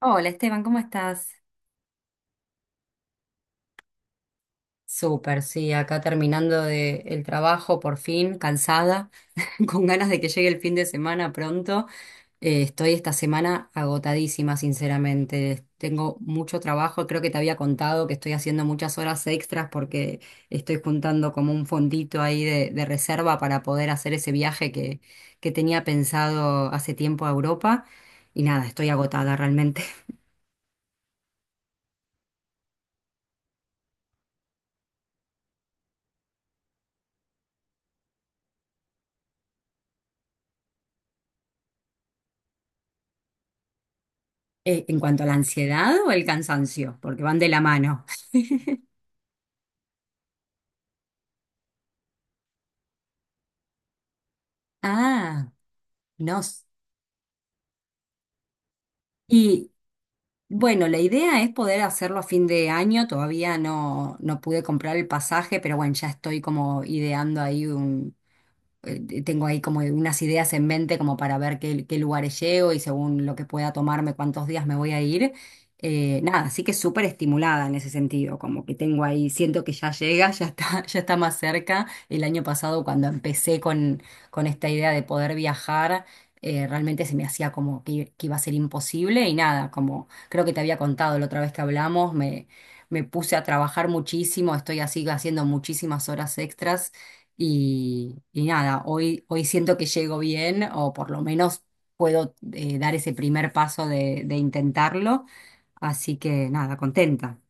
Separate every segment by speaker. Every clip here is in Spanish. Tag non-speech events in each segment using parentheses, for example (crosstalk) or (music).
Speaker 1: Hola Esteban, ¿cómo estás? Súper, sí, acá terminando de el trabajo por fin, cansada, (laughs) con ganas de que llegue el fin de semana pronto. Estoy esta semana agotadísima, sinceramente. Tengo mucho trabajo, creo que te había contado que estoy haciendo muchas horas extras porque estoy juntando como un fondito ahí de reserva para poder hacer ese viaje que tenía pensado hace tiempo a Europa. Y nada, estoy agotada realmente. ¿En cuanto a la ansiedad o el cansancio? Porque van de la mano. (laughs) Ah, no. s- Y bueno, la idea es poder hacerlo a fin de año. Todavía no pude comprar el pasaje, pero bueno, ya estoy como ideando ahí, tengo ahí como unas ideas en mente como para ver qué lugares llego y según lo que pueda tomarme, cuántos días me voy a ir. Nada, así que súper estimulada en ese sentido, como que tengo ahí, siento que ya llega, ya está, (laughs) ya está más cerca. El año pasado cuando empecé con esta idea de poder viajar, realmente se me hacía como que iba a ser imposible y nada, como creo que te había contado la otra vez que hablamos, me puse a trabajar muchísimo, estoy así haciendo muchísimas horas extras y nada, hoy siento que llego bien o por lo menos puedo dar ese primer paso de intentarlo. Así que nada, contenta.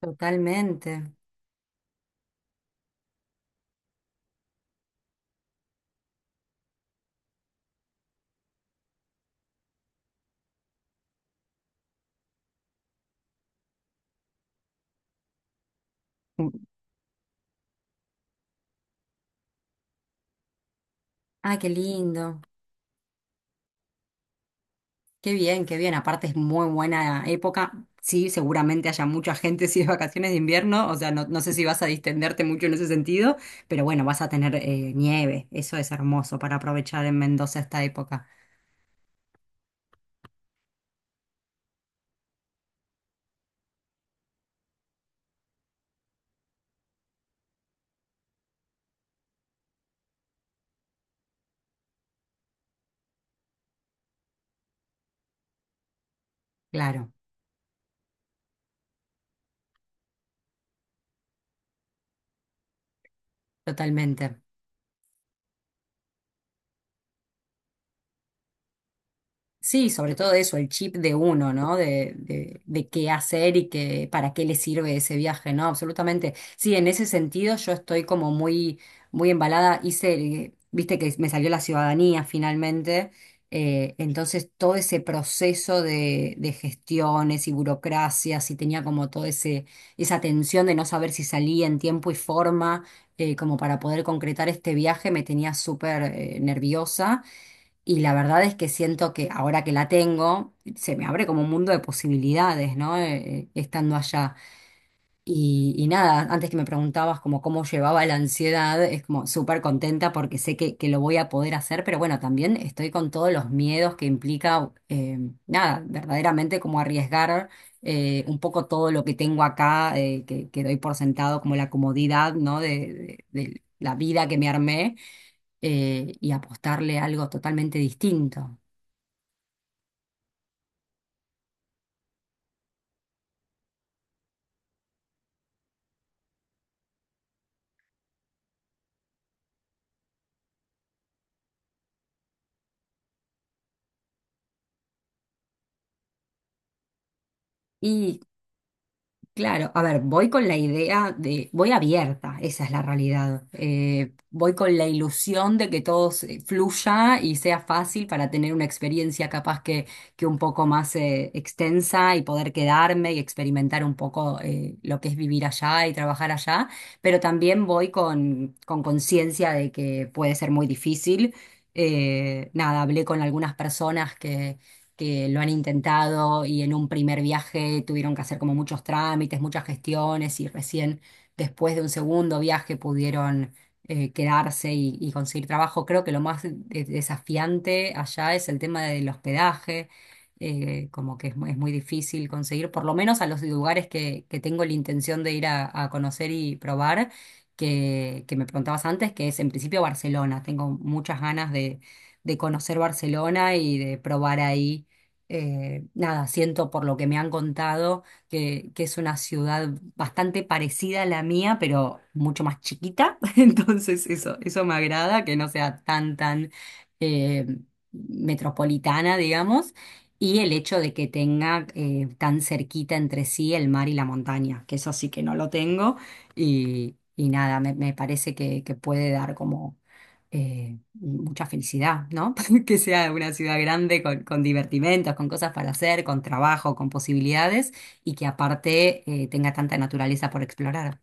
Speaker 1: Totalmente. Ah, qué lindo. Qué bien, qué bien. Aparte es muy buena época. Sí, seguramente haya mucha gente (laughs) si es vacaciones de invierno. O sea, no sé si vas a distenderte mucho en ese sentido, pero bueno, vas a tener nieve. Eso es hermoso para aprovechar en Mendoza esta época. Claro, totalmente. Sí, sobre todo eso, el chip de uno, ¿no? De qué hacer y qué, para qué le sirve ese viaje, ¿no? Absolutamente. Sí, en ese sentido yo estoy como muy, muy embalada. Viste que me salió la ciudadanía finalmente. Entonces todo ese proceso de gestiones y burocracias y tenía como todo ese, esa tensión de no saber si salía en tiempo y forma, como para poder concretar este viaje, me tenía súper, nerviosa. Y la verdad es que siento que ahora que la tengo, se me abre como un mundo de posibilidades, ¿no? Estando allá. Y nada, antes que me preguntabas como cómo llevaba la ansiedad, es como súper contenta porque sé que lo voy a poder hacer, pero bueno, también estoy con todos los miedos que implica, nada, verdaderamente como arriesgar un poco todo lo que tengo acá, que doy por sentado, como la comodidad, ¿no? De la vida que me armé, y apostarle a algo totalmente distinto. Y Claro, a ver, voy con la idea de, voy abierta, esa es la realidad. Voy con la ilusión de que todo se- fluya y sea fácil para tener una experiencia capaz que un poco más extensa y poder quedarme y experimentar un poco lo que es vivir allá y trabajar allá, pero también voy con conciencia de que puede ser muy difícil. Nada, hablé con algunas personas que lo han intentado y en un primer viaje tuvieron que hacer como muchos trámites, muchas gestiones y recién después de un segundo viaje pudieron quedarse y conseguir trabajo. Creo que lo más desafiante allá es el tema del hospedaje, como que es muy difícil conseguir, por lo menos a los lugares que tengo la intención de ir a conocer y probar. Que me preguntabas antes, que es en principio Barcelona. Tengo muchas ganas de conocer Barcelona y de probar ahí, nada, siento por lo que me han contado que es una ciudad bastante parecida a la mía, pero mucho más chiquita. (laughs) Entonces eso me agrada, que no sea tan, tan eh, metropolitana, digamos. Y el hecho de que tenga tan cerquita entre sí el mar y la montaña, que eso sí que no lo tengo. Y nada, me parece que puede dar como mucha felicidad, ¿no? Que sea una ciudad grande con divertimentos, con cosas para hacer, con trabajo, con posibilidades y que aparte tenga tanta naturaleza por explorar.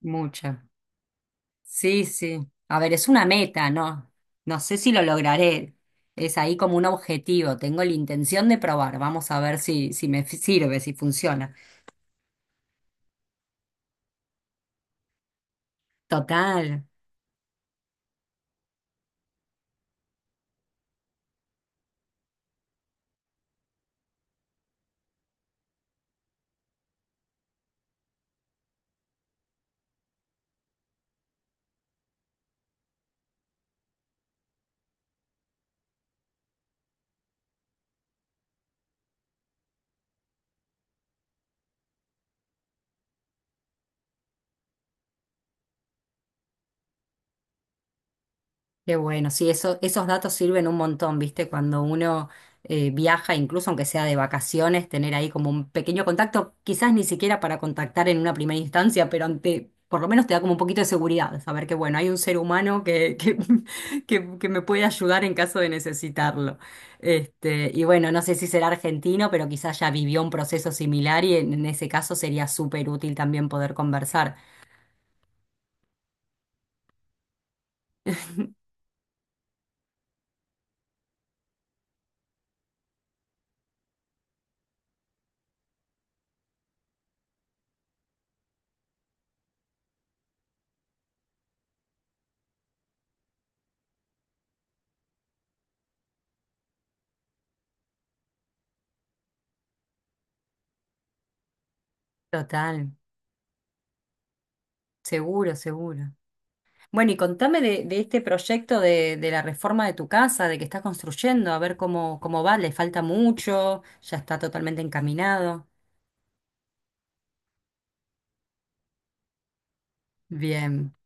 Speaker 1: Mucha. Sí, sí. A ver, es una meta, ¿no? No sé si lo lograré. Es ahí como un objetivo. Tengo la intención de probar. Vamos a ver si, si me sirve, si funciona. Total. Qué bueno, sí, eso, esos datos sirven un montón, ¿viste? Cuando uno viaja, incluso aunque sea de vacaciones, tener ahí como un pequeño contacto, quizás ni siquiera para contactar en una primera instancia, pero ante, por lo menos te da como un poquito de seguridad, saber que, bueno, hay un ser humano (laughs) que me puede ayudar en caso de necesitarlo. Este, y bueno, no sé si será argentino, pero quizás ya vivió un proceso similar y en ese caso sería súper útil también poder conversar. Total, seguro, seguro. Bueno, y contame de este proyecto de la reforma de tu casa, de que estás construyendo, a ver cómo, cómo va, le falta mucho, ya está totalmente encaminado. Bien,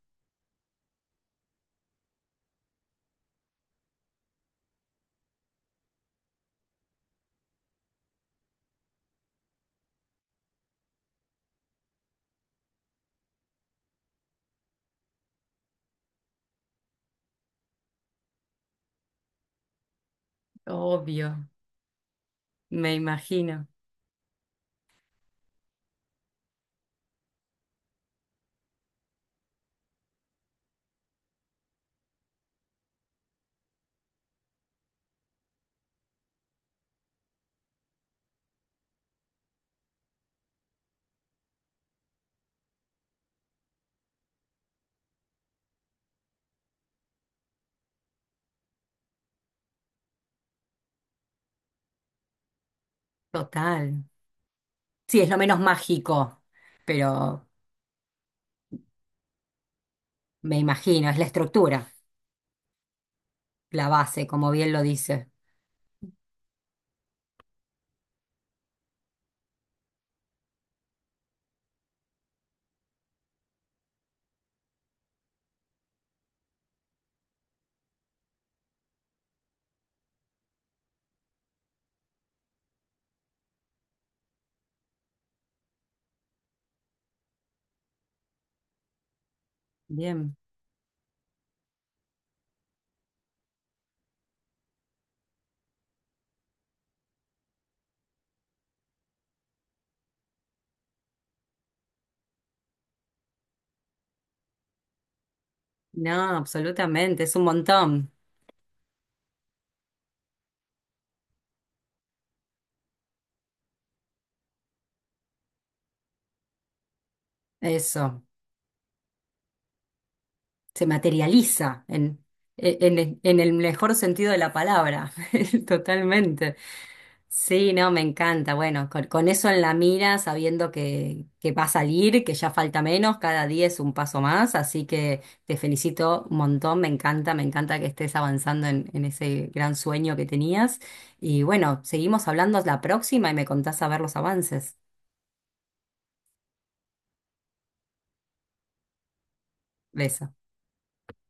Speaker 1: obvio, me imagino, total. Sí, es lo menos mágico, pero me imagino, es la estructura, la base, como bien lo dice. Bien, no, absolutamente, es un montón. Eso, se materializa en el mejor sentido de la palabra, (laughs) totalmente. Sí, no, me encanta. Bueno, con eso en la mira, sabiendo que va a salir, que ya falta menos, cada día es un paso más, así que te felicito un montón, me encanta que estés avanzando en ese gran sueño que tenías. Y bueno, seguimos hablando la próxima y me contás a ver los avances. Besos.